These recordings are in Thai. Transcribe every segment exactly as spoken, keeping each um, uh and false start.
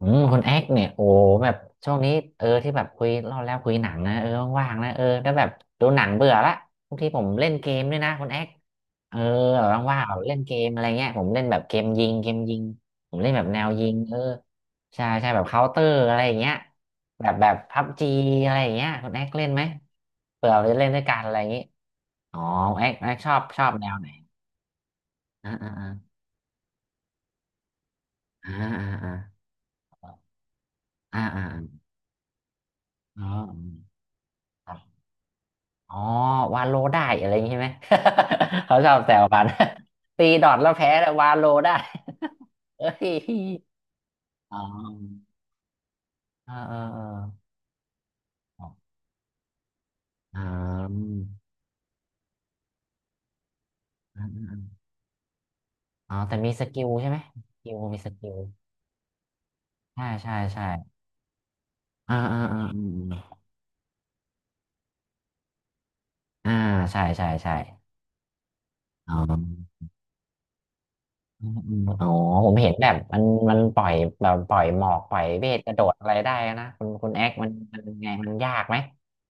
อืมคนแอคเนี่ยโอ้แบบช่วงนี้เออที่แบบคุยเล่าแล้วคุยหนังนะเออว่างๆนะเออแล้วแบบดูหนังเบื่อละบางทีผมเล่นเกมด้วยนะคนแอคเออแบบว่างๆแบบเล่นเกมอะไรเงี้ยผมเล่นแบบเกมยิงเกมยิงผมเล่นแบบแนวยิงเออใช่ใช่แบบเคาน์เตอร์อะไรอย่างเงี้ยแบบแบบพับจีอะไรอย่างเงี้ยคนแอคเล่นไหมเผื่อเราจะเล่นด้วยกันอะไรอย่างงี้อ๋อแอคแอคชอบชอบแนวไหนอ่าอ่าอ่าอ่าอ่าอ่าอ่าอ่าอ๋อ อ๋อวาโลได้อะไรอย่างงี้ใช่ไหม เขาชอบแซวกัน ตีดอทแล้วแพ้แล้ววาโลได้ เอ้ยอ๋อเออเออเอออ๋ออาอมอ๋อแต่มีสกิลใช่ไหมสกิลมีสกิลใช่ใช่ใช่อ่าอ่าอ่าอมอมอ่าใช่ใช่ใช่อ๋อ อืมอืมอ๋อผมเห็นแบบมันมันปล่อยแบบปล่อยหมอกปล่อยเวทกระโดดอะไรได้นะคุณคุณแอคมันมันยังไงมันยากไหม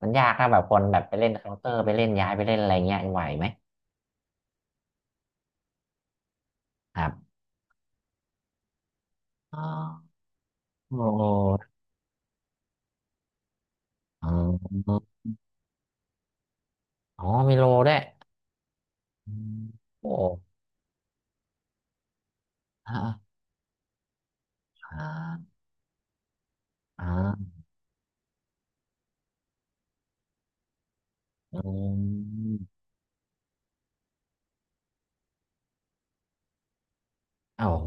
มันยากถ้าแบบคนแบบไปเล่นเคาน์เตอร์ไปเล่นย้ายไปเล่นอะไรเงี้ยไหวไหมครับอ๋อโอ้โหอ๋ออ๋อมีโลด้วยอืมโอ้อ่าอ่าอ่าอืมอ้าวโห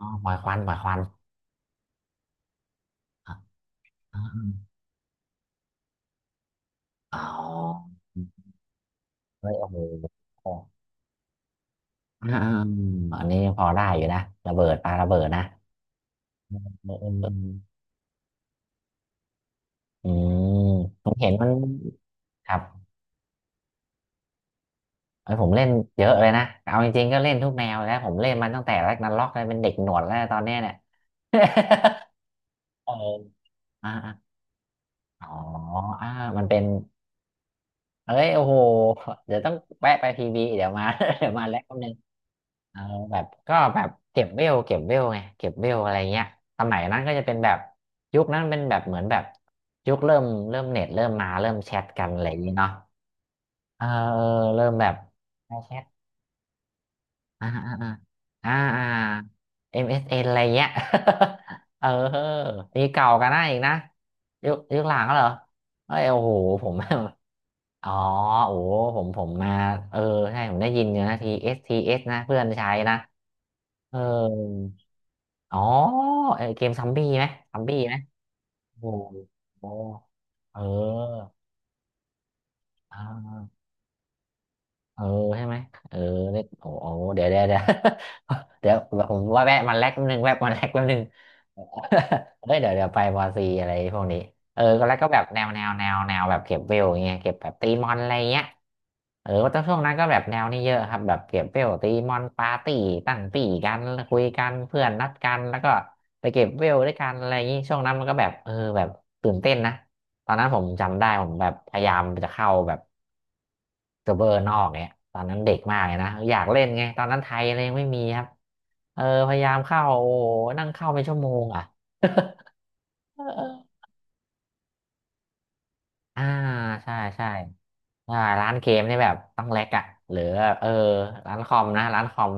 อ๋อปล่อยควันปล่อยควันอ๋ออ๋อเฮ้ยโอ้โห อ่าอ่าอันนี้ยังพอได้อยู่นะระเบิดปาระเบิดนะเออเออเอออืมผมเห็นมันครับไอ้ยผมเล่นเยอะเลยนะเอาจริงๆก็เล่นทุกแนวแล้วผมเล่นมันตั้งแต่แรกนันล็อกเลยเป็นเด็กหนวดแล้วตอนเนี้ยเนี่ย เอออ่าอาอ๋ออ่ามันเป็นเอ้ยโอ้โหเดี๋ยวต้องแวะไปพีบีเดี๋ยวมา เดี๋ยวมาแล้วแป๊บนึง เอาแบบก็แบบเก็บเวลเก็บเวลไงเก็บเวลอะไรเงี้ยสมัยนั้นก็จะเป็นแบบยุคนั้นเป็นแบบเหมือนแบบยุคเริ่มเริ่มเน็ตเริ่มมาเริ่มแชทกันอะไรอย่างงี้เนาะเออเออเริ่มแบบไลน์แชทอ่าอ่าอ่าอ่าเอ็ s เอสเอ็นอะไรเงี้ย เออนี่เก่ากันหนะอีกนะยุคยุคหลังเหรอเอ้ยโอ้โหผม อ๋อโอ้โหผมผมมาเออใช่ผมได้ยินอยู่นะทีเอสทีเอสนะเพื่อนใช้นะเออ อ๋อเออเกมซอมบี้ไหมซอมบี้ไหมโอ้โหโอ้เอออ่า เออใช่ไหมเออเล็กโอ้โหเดี๋ยวเดี๋ยวเดี๋ยว เดี๋ยวผมว่าแวะมันแลกแป๊บนึงแวะมันแลกแป๊บนึง เฮ้ยเดี๋ยวเดี๋ยวไปบอซีอะไรพวกนี้เออก็แล้วก็แบบแนวแนวแนวแนวแบบเก็บเวลอย่างเงี้ยเก็บแบบตีมอนอะไรเงี้ยเออว่าตอนช่วงนั้นก็แบบแนวนี้เยอะครับแบบเก็บเวลตีมอนปาร์ตี้ตั้งปี่กันคุยกันเพื่อนนัดกันแล้วก็ไปเก็บเวลด้วยกันอะไรอย่างงี้ช่วงนั้นมันก็แบบเออแบบตื่นเต้นนะตอนนั้นผมจำได้ผมแบบพยายามจะเข้าแบบ เซิร์ฟเวอร์นอกเนี่ยตอนนั้นเด็กมากเลยนะอยากเล่นไงตอนนั้นไทยอะไรยังไม่มีครับเออพยายามเข้าโอ้โหนั่งเข้าเป็นชั่วโมงอ่ะ เอออ่าใช่ใช่ใช่ร้านเกมนี่แบบต้องแลกอ่ะหรือเออร้านคอมนะร้านคอม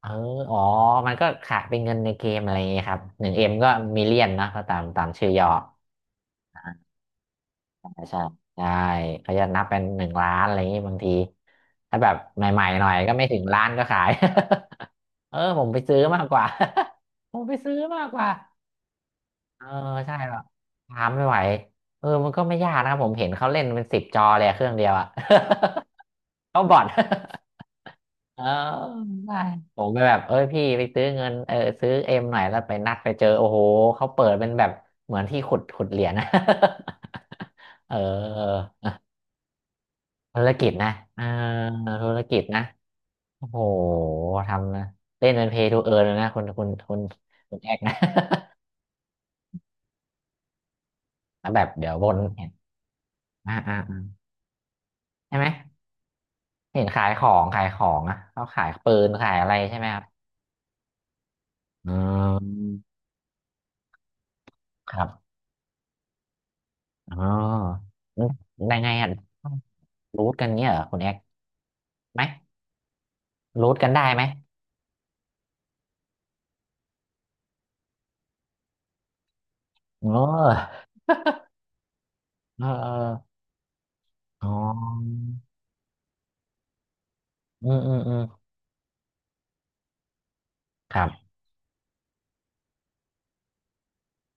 เอออ๋อมันก็ขายเป็นเงินในเกมอะไรอย่างเงี้ยครับหนึ่งเอ็มก็มิเลียนนะก็ตามตามชื่อย่อใช่ใช่เขาจะนับเป็นหนึ่งล้านอะไรอย่างงี้บางทีถ้าแบบใหม่ๆหน่อยก็ไม่ถึงล้านก็ขาย เออผมไปซื้อมากกว่า ผมไปซื้อมากกว่า เออใช่หรอกตามไม่ไหวเออมันก็ไม่ยากนะครับผมเห็นเขาเล่นเป็นสิบจอเลยอะเครื่องเดียวอะ เขาบอท เออได้ผมไปแบบเอ้ยพี่ไปซื้อเงินเออซื้อเอ็มหน่อยแล้วไปนัดไปเจอโอ้โหเขาเปิดเป็นแบบเหมือนที่ขุดขุดเหรียญนะ เออธุรกิจนะเออธุรกิจนะโอ้โหทำนะเล่นเป็นเพย์ทูเอิร์ยนะคุณคุณคุณคุณแอกนะ แล้วแบบเดี๋ยวบนเห็นอ่าอ่าอ่าใช่ไหมเห็นขายของขายของอ่ะเขาขายปืนขายอะไรใช่ไหมครับอืมครับอ๋อยังไงอ่ะรูทกันเงี้ยเหรอคุณแอกไหมรูทกันได้ไหมเออเออเอออ๋ออืมอืมอืมครับ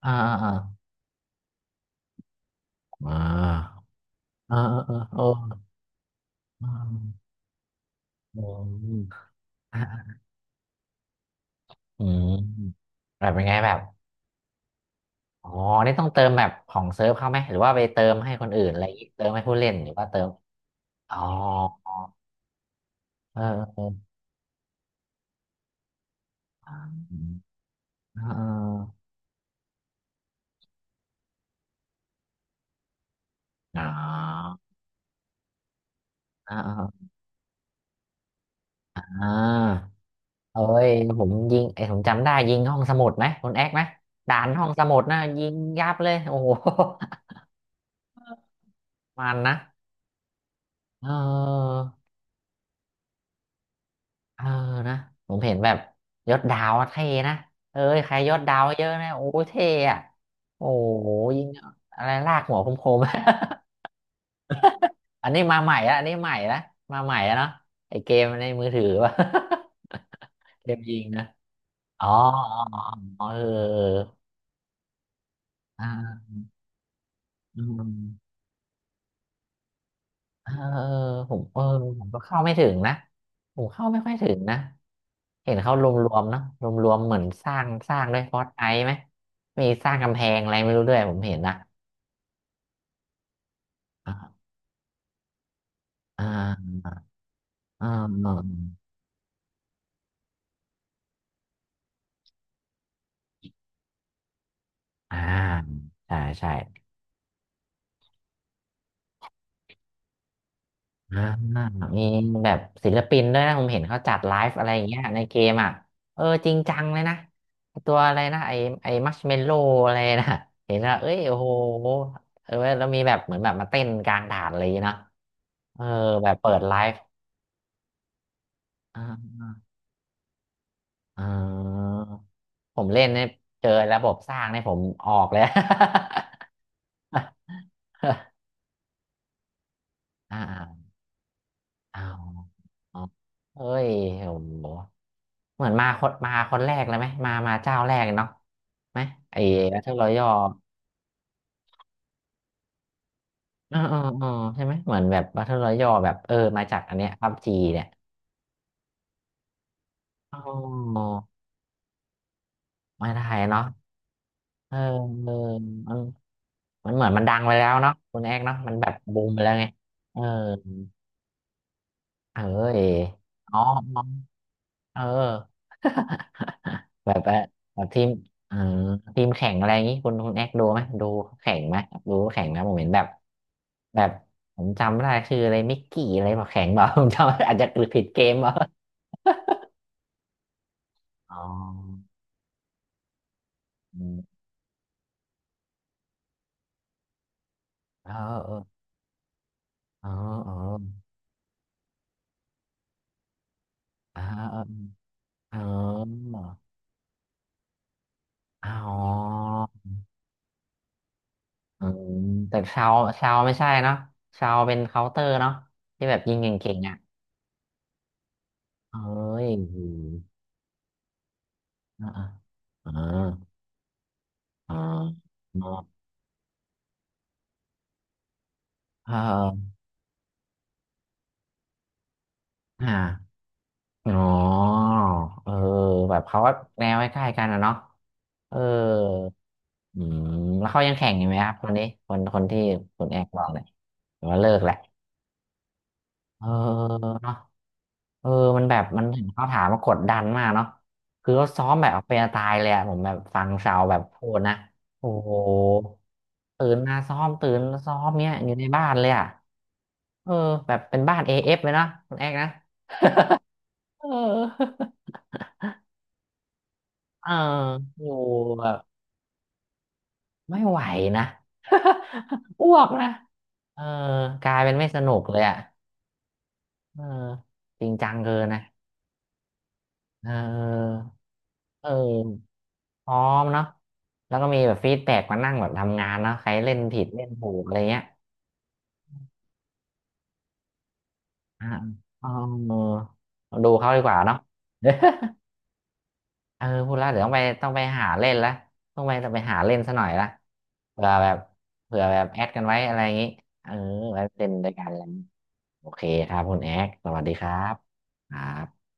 อ่าอ่าอ่าอ่าเออเออเออเอออืมอะอืมแบบเป็นไงแบบ อ๋อนี่ต้องเติมแบบของเซิร์ฟเขาไหมหรือว่าไปเติมให้คนอื่นอะไรอย่างงี้เติมให้ผู้เล่นหรือว่าเติมอ๋อเออเออเออเอออ๋อเอ๋ออ๋ออเอ้ยผมยิงไอ้ยผมจำได้ยิงห้องสมุดไหมคุณแอกไหมด่านห้องสมุดนะยิงยับเลยโอ้โห มันนะเออเออนะผมเห็นแบบยศดาวอะเท่นะเอ้ยใครยศดาวเยอะนะโอ้เท่อะโอ้โหยิงอะไรลากหัวคมๆ อันนี้มาใหม่ละอันนี้ใหม่ละมาใหม่ละเนาะไอเกมในมือถือวะ เกมยิงนะอ๋ออ๋ออ๋อเออเอออ่าอืมเออเออผมเออผมก็เข้าไม่ถึงนะผมเข้าไม่ค่อยถึงนะเห็นเขารวมๆเนาะรวมๆเหมือนสร้างสร้างด้วยฟอสไอไหมมีสร้างกำแพงอะไรไม่รู้ด้วยผมเห็นนะอ่าอ่าอ่าอ่าอ่าใช่ใช่ อ่ามีแบบศิลปินด้วยนะผมเห็นเขาจัดไลฟ์อะไรอย่างเงี้ยในเกมอ่ะเออจริงจังเลยนะตัวอะไรนะไอไอมัชเมลโล่อะไรนะเห็นแล้วเอ้ยโอ้โหเออแล้วมีแบบเหมือนแบบมาเต้นกลางด่านอะไรอย่างเลยเนาะเออแบบเปิดไลฟ์อ่าอ่าผมเล่นเนี่ยเจอระบบสร้างเนี่ยผมออกเลย อ่าอ้าวเอ้ยโอ้โหเหมือนมาคนมาคนแรกเลยไหมมามาเจ้าแรกเนาะ ไหมไอ้บัตเทิอยัลอ๋ออ๋ออ๋อใช่ไหมเหมือนแบบบัตเทิอยัลแบบเออมาจากอันเนี้ยพับจีเนี่ยอ๋อมาไทยเนาะเออเออมันมันเหมือนมันดังไปแล้วเนาะคุณแอกเนาะมันแบบบูมไปแล้วไงเออเออเออ๋ออ๋อเออ แบบว่าแบบทีมเออทีมแข่งอะไรอย่างงี้คุณคุณแอกดูไหมดูแข่งไหมดูแข่งนะผมเห็นแบบแบบผมจำไม่ได้ชื่ออะไรมิกกี้อะไรบอกแข่งบอก ผมจำอาจจะผิดเกมเปล่า อ๋ออืมเออเออเออเอออ่าเออเอออ๋ออืมแต่ชาวชาวไม่ใช่เนาะชาวเป็นเคาน์เตอร์เนาะที่แบบยิงเก่งๆอ่ะเอ้ยอ่าอ่าอ่าเอ่าอ่าอ๋อเออแบบเขาก็แนวใกล้ๆกันอะเนาะเอออืมแล้วเขายังแข่งอยู่ไหมครับคนนี้คนคนที่คุณแอกบอกเนี่ยหรือว่าเลิกแหละ เออเนาะเออมันแบบมันเห็นเขาถามมากดดันมากเนาะคือเขาซ้อมแบบเอาเป็นเอาตายเลยอะผมแบบฟังชาวแบบพูดนะโอ้โหตื่นมาซ้อมตื่นมาซ้อมเนี้ยอยู่ในบ้านเลยอะเออแบบเป็นบ้านเอฟเลยเนาะคุณแอกนะเออเอออยู่แบบไม่ไหวนะ อ้วกนะเออกลายเป็นไม่สนุกเลยอะเออจริงจังเกินนะเออเออ พร้อมเนาะแล้วก็มีแบบฟีดแบ็กมานั่งแบบทำงานเนาะใครเล่นผิดเล่นถูกอะไรเงี้ยอ่าอ๋อเอดูเขาดีกว่าเนาะ เออพูดแล้วเดี๋ยวต้องไปต้องไปหาเล่นละต้องไปต้องไปหาเล่นซะหน่อยละ เผื่อแบบเผื่อแบบแอดกันไว้อะไรอย่างงี้ เออไว้เล่นด้วยกันอะไรอย่างงี้โอเคครับคุณแอดสวัสดีครับครับ